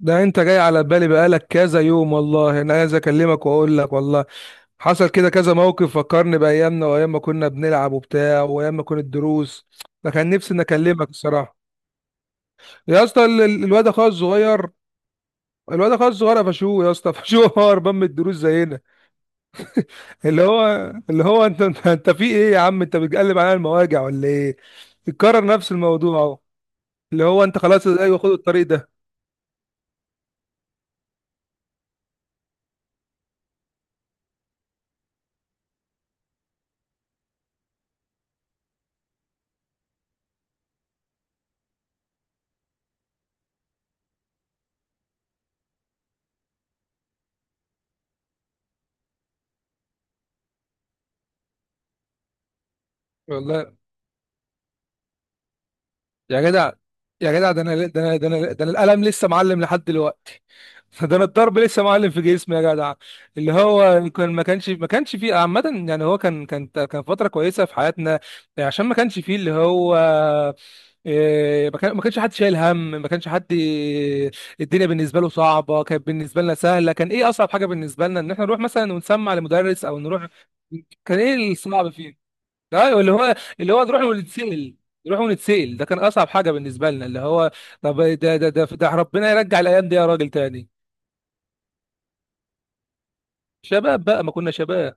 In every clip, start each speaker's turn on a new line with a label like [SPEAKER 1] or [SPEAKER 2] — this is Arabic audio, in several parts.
[SPEAKER 1] ده انت جاي على بالي بقالك كذا يوم، والله انا عايز اكلمك واقول لك. والله حصل كده كذا موقف فكرني بايامنا وايام ما كنا بنلعب وبتاع وايام ما كانت دروس. فكان نفسي اني اكلمك الصراحه. يا اسطى، الواد اخويا الصغير قفشوه يا اسطى، قفشوه. هو هربان من الدروس زينا. اللي هو انت في ايه يا عم؟ انت بتقلب على المواجع ولا ايه؟ بتكرر نفس الموضوع اهو. اللي هو انت خلاص، ايوه، خد الطريق ده. والله يا جدع، يا جدع، ده انا القلم لسه معلم لحد دلوقتي. ده انا الضرب لسه معلم في جسمي يا جدع. اللي هو كان ما كانش فيه عامة، يعني هو كان فترة كويسة في حياتنا. يعني عشان ما كانش فيه اللي هو إيه، ما كانش حد شايل هم، ما كانش حد. الدنيا بالنسبه له صعبه، كانت بالنسبه لنا سهله. كان ايه اصعب حاجه بالنسبه لنا؟ ان احنا نروح مثلا ونسمع لمدرس او نروح. كان ايه الصعب فيه؟ ايوه، اللي هو اللي هو نروح ونتسأل. نروح ونتسأل، ده كان اصعب حاجه بالنسبه لنا اللي هو. طب ده ربنا يرجع الايام دي يا راجل تاني. شباب بقى، ما كنا شباب.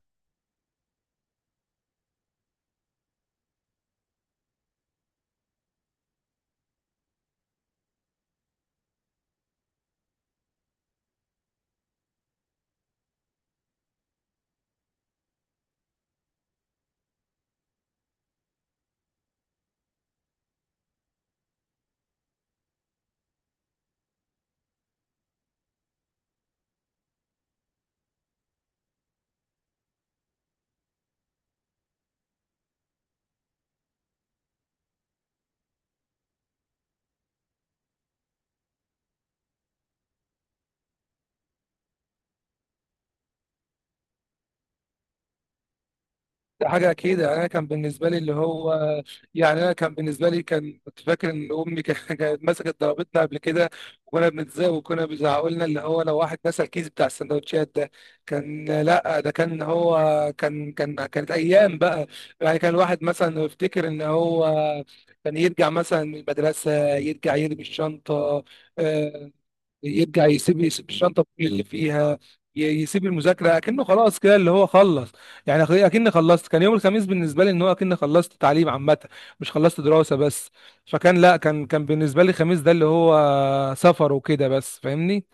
[SPEAKER 1] ده حاجة أكيد. يعني أنا كان بالنسبة لي اللي هو، يعني أنا كان بالنسبة لي كنت فاكر إن أمي كانت مسكت ضربتنا قبل كده. وكنا بنتزاق وكنا بيزعقوا لنا اللي هو لو واحد نسى الكيس بتاع السندوتشات ده. كان لأ، ده كان هو. كانت أيام بقى. يعني كان الواحد مثلا يفتكر إن هو كان يرجع مثلا من المدرسة، يرجع يرمي الشنطة، آه، يرجع يسيب الشنطه كل اللي فيها، يسيب المذاكره اكنه خلاص كده، اللي هو خلص. يعني اكني خلصت. كان يوم الخميس بالنسبه لي ان هو اكني خلصت تعليم عامه، مش خلصت دراسه بس. فكان لا، كان بالنسبه لي الخميس ده اللي هو سفر وكده بس. فاهمني؟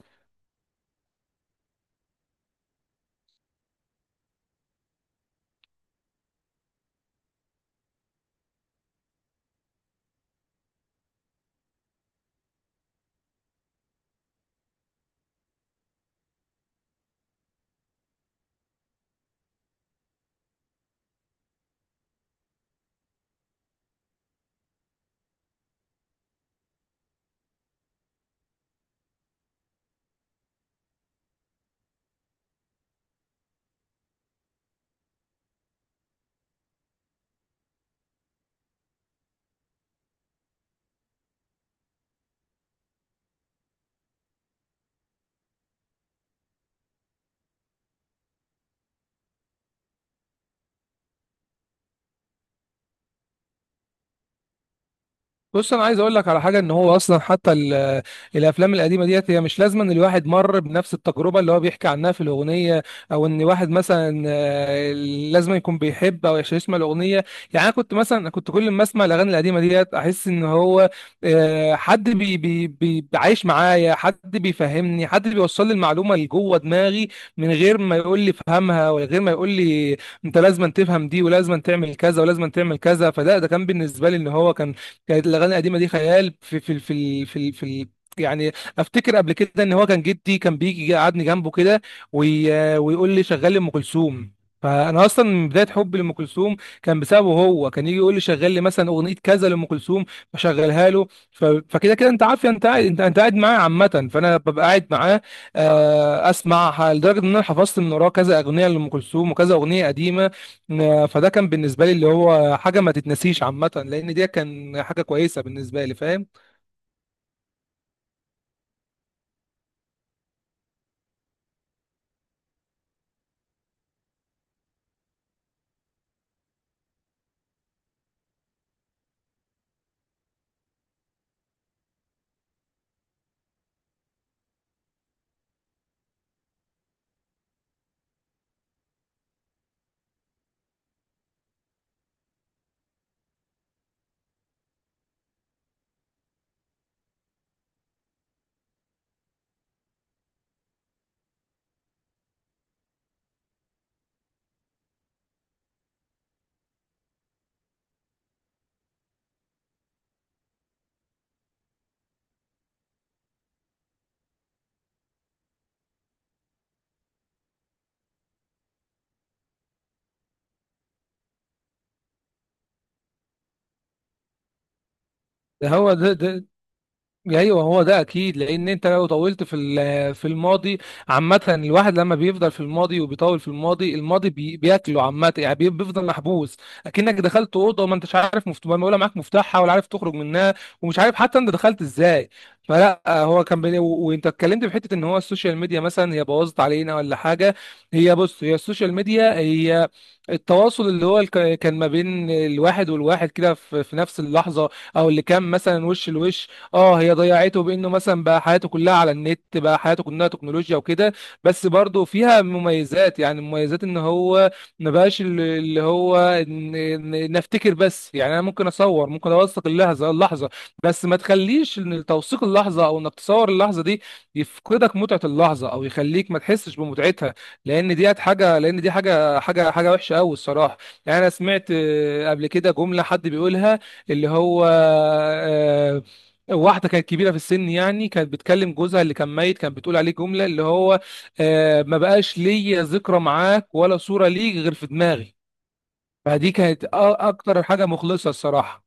[SPEAKER 1] بص انا عايز اقول لك على حاجه، ان هو اصلا حتى الافلام القديمه ديت هي مش لازم ان الواحد مر بنفس التجربه اللي هو بيحكي عنها في الاغنيه، او ان واحد مثلا لازم يكون بيحب او يسمع الاغنيه. يعني انا كنت مثلا، كنت كل ما اسمع الاغاني القديمه ديت احس ان هو، حد بي بي بي عايش معايا، حد بيفهمني، حد بيوصل لي المعلومه اللي جوه دماغي من غير ما يقول لي فهمها، ولا غير ما يقول لي انت لازم تفهم دي ولازم تعمل كذا ولازم تعمل كذا. فده كان بالنسبه لي ان هو كان، كانت الاغاني القديمه دي خيال ال- في ال- في ال- يعني. افتكر قبل كده ان هو كان جدي كان بيجي يقعدني جنبه كده، وي... ويقول لي شغال لي ام كلثوم. فانا اصلا من بدايه حبي لام كلثوم كان بسببه هو، كان يجي يقول لي شغال لي مثلا اغنيه كذا لام كلثوم، فشغلها له فكده كده انت عارف، يعني انت قاعد، انت قاعد معاه عامه فانا ببقى قاعد معاه، اسمع لدرجه ان انا حفظت من وراه كذا اغنيه لام كلثوم وكذا اغنيه قديمه. فده كان بالنسبه لي اللي هو حاجه ما تتنسيش عامه، لان دي كان حاجه كويسه بالنسبه لي. فاهم؟ ده هو ده. ايوه هو ده اكيد، لان انت لو طولت في الماضي عامه. الواحد لما بيفضل في الماضي وبيطول في الماضي، الماضي بياكله عامه، يعني بيفضل محبوس. اكنك دخلت اوضه وما انتش عارف مفتوح، ولا معاك مفتاحها، ولا عارف تخرج منها، ومش عارف حتى انت دخلت ازاي. فلا هو كان وانت اتكلمت في حته ان هو السوشيال ميديا مثلا هي بوظت علينا ولا حاجه. هي بص، هي السوشيال ميديا هي التواصل اللي هو كان ما بين الواحد والواحد كده في في نفس اللحظه، او اللي كان مثلا وش لوش. اه هي ضيعته بانه مثلا بقى حياته كلها على النت، بقى حياته كلها تكنولوجيا وكده. بس برضه فيها مميزات، يعني مميزات ان هو ما بقاش اللي هو نفتكر بس. يعني انا ممكن اصور، ممكن اوثق اللحظه بس ما تخليش ان توثيق اللحظه او انك تصور اللحظه دي يفقدك متعه اللحظه، او يخليك ما تحسش بمتعتها. لان دي حاجه وحشه قوي الصراحه. يعني انا سمعت قبل كده جمله حد بيقولها اللي هو، واحدة كانت كبيرة في السن، يعني كانت بتكلم جوزها اللي كان ميت، كانت بتقول عليه جملة اللي هو، آه ما بقاش ليا ذكرى معاك ولا صورة ليك غير في دماغي. فدي كانت أكتر حاجة مخلصة الصراحة.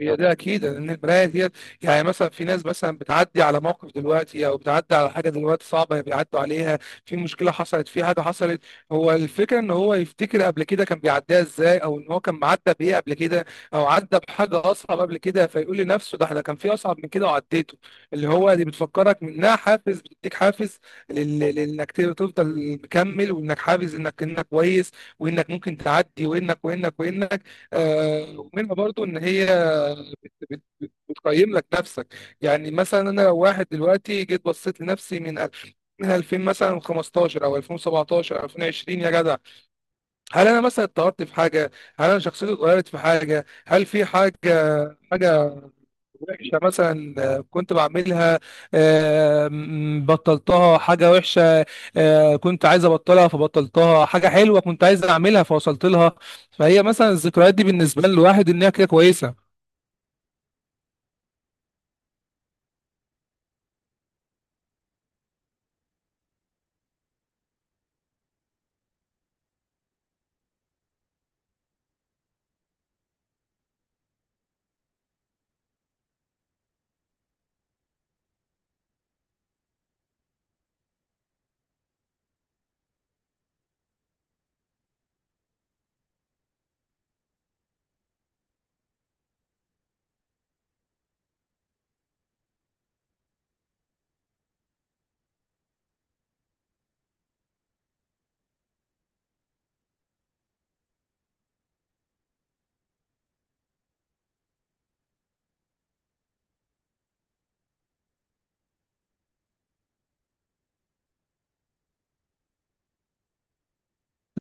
[SPEAKER 1] هي ده اكيد لان البرايه ديت، يعني مثلا في ناس مثلا بتعدي على موقف دلوقتي او بتعدي على حاجه دلوقتي صعبه بيعدوا عليها. في مشكله حصلت، في حاجه حصلت. هو الفكره ان هو يفتكر قبل كده كان بيعديها ازاي، او ان هو كان معدى بايه قبل كده، او عدى بحاجه اصعب قبل كده، فيقول لنفسه ده احنا كان في اصعب من كده وعديته. اللي هو دي بتفكرك منها حافز، بتديك حافز لانك تفضل مكمل، وانك حافز انك كويس، وانك ممكن تعدي، وانك ومنها برضو ان هي بتقيم لك نفسك. يعني مثلا انا لو واحد دلوقتي جيت بصيت لنفسي من ألف، من 2000 مثلا، 15 او 2017 او 2020 يا جدع، هل انا مثلا اتطورت في حاجه؟ هل انا شخصيتي اتغيرت في حاجه؟ هل في حاجه، حاجه وحشه مثلا، كنت بعملها، بطلتها؟ حاجه وحشه، كنت عايز ابطلها فبطلتها؟ حاجه حلوه كنت عايز اعملها فوصلت لها؟ فهي مثلا الذكريات دي بالنسبه للواحد ان هي كده كويسه.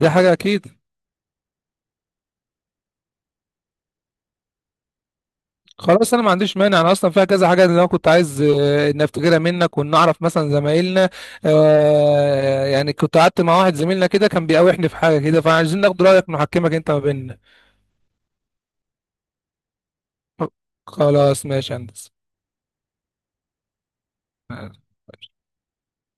[SPEAKER 1] دي حاجه اكيد. خلاص انا ما عنديش مانع، انا اصلا فيها كذا حاجه اللي انا كنت عايز ان افتكرها منك، وان اعرف مثلا زمايلنا، يعني كنت قعدت مع واحد زميلنا كده كان بيقاوحني في حاجه كده، فعايزين ناخد رايك، نحكمك انت ما بيننا. خلاص ماشي يا هندسه.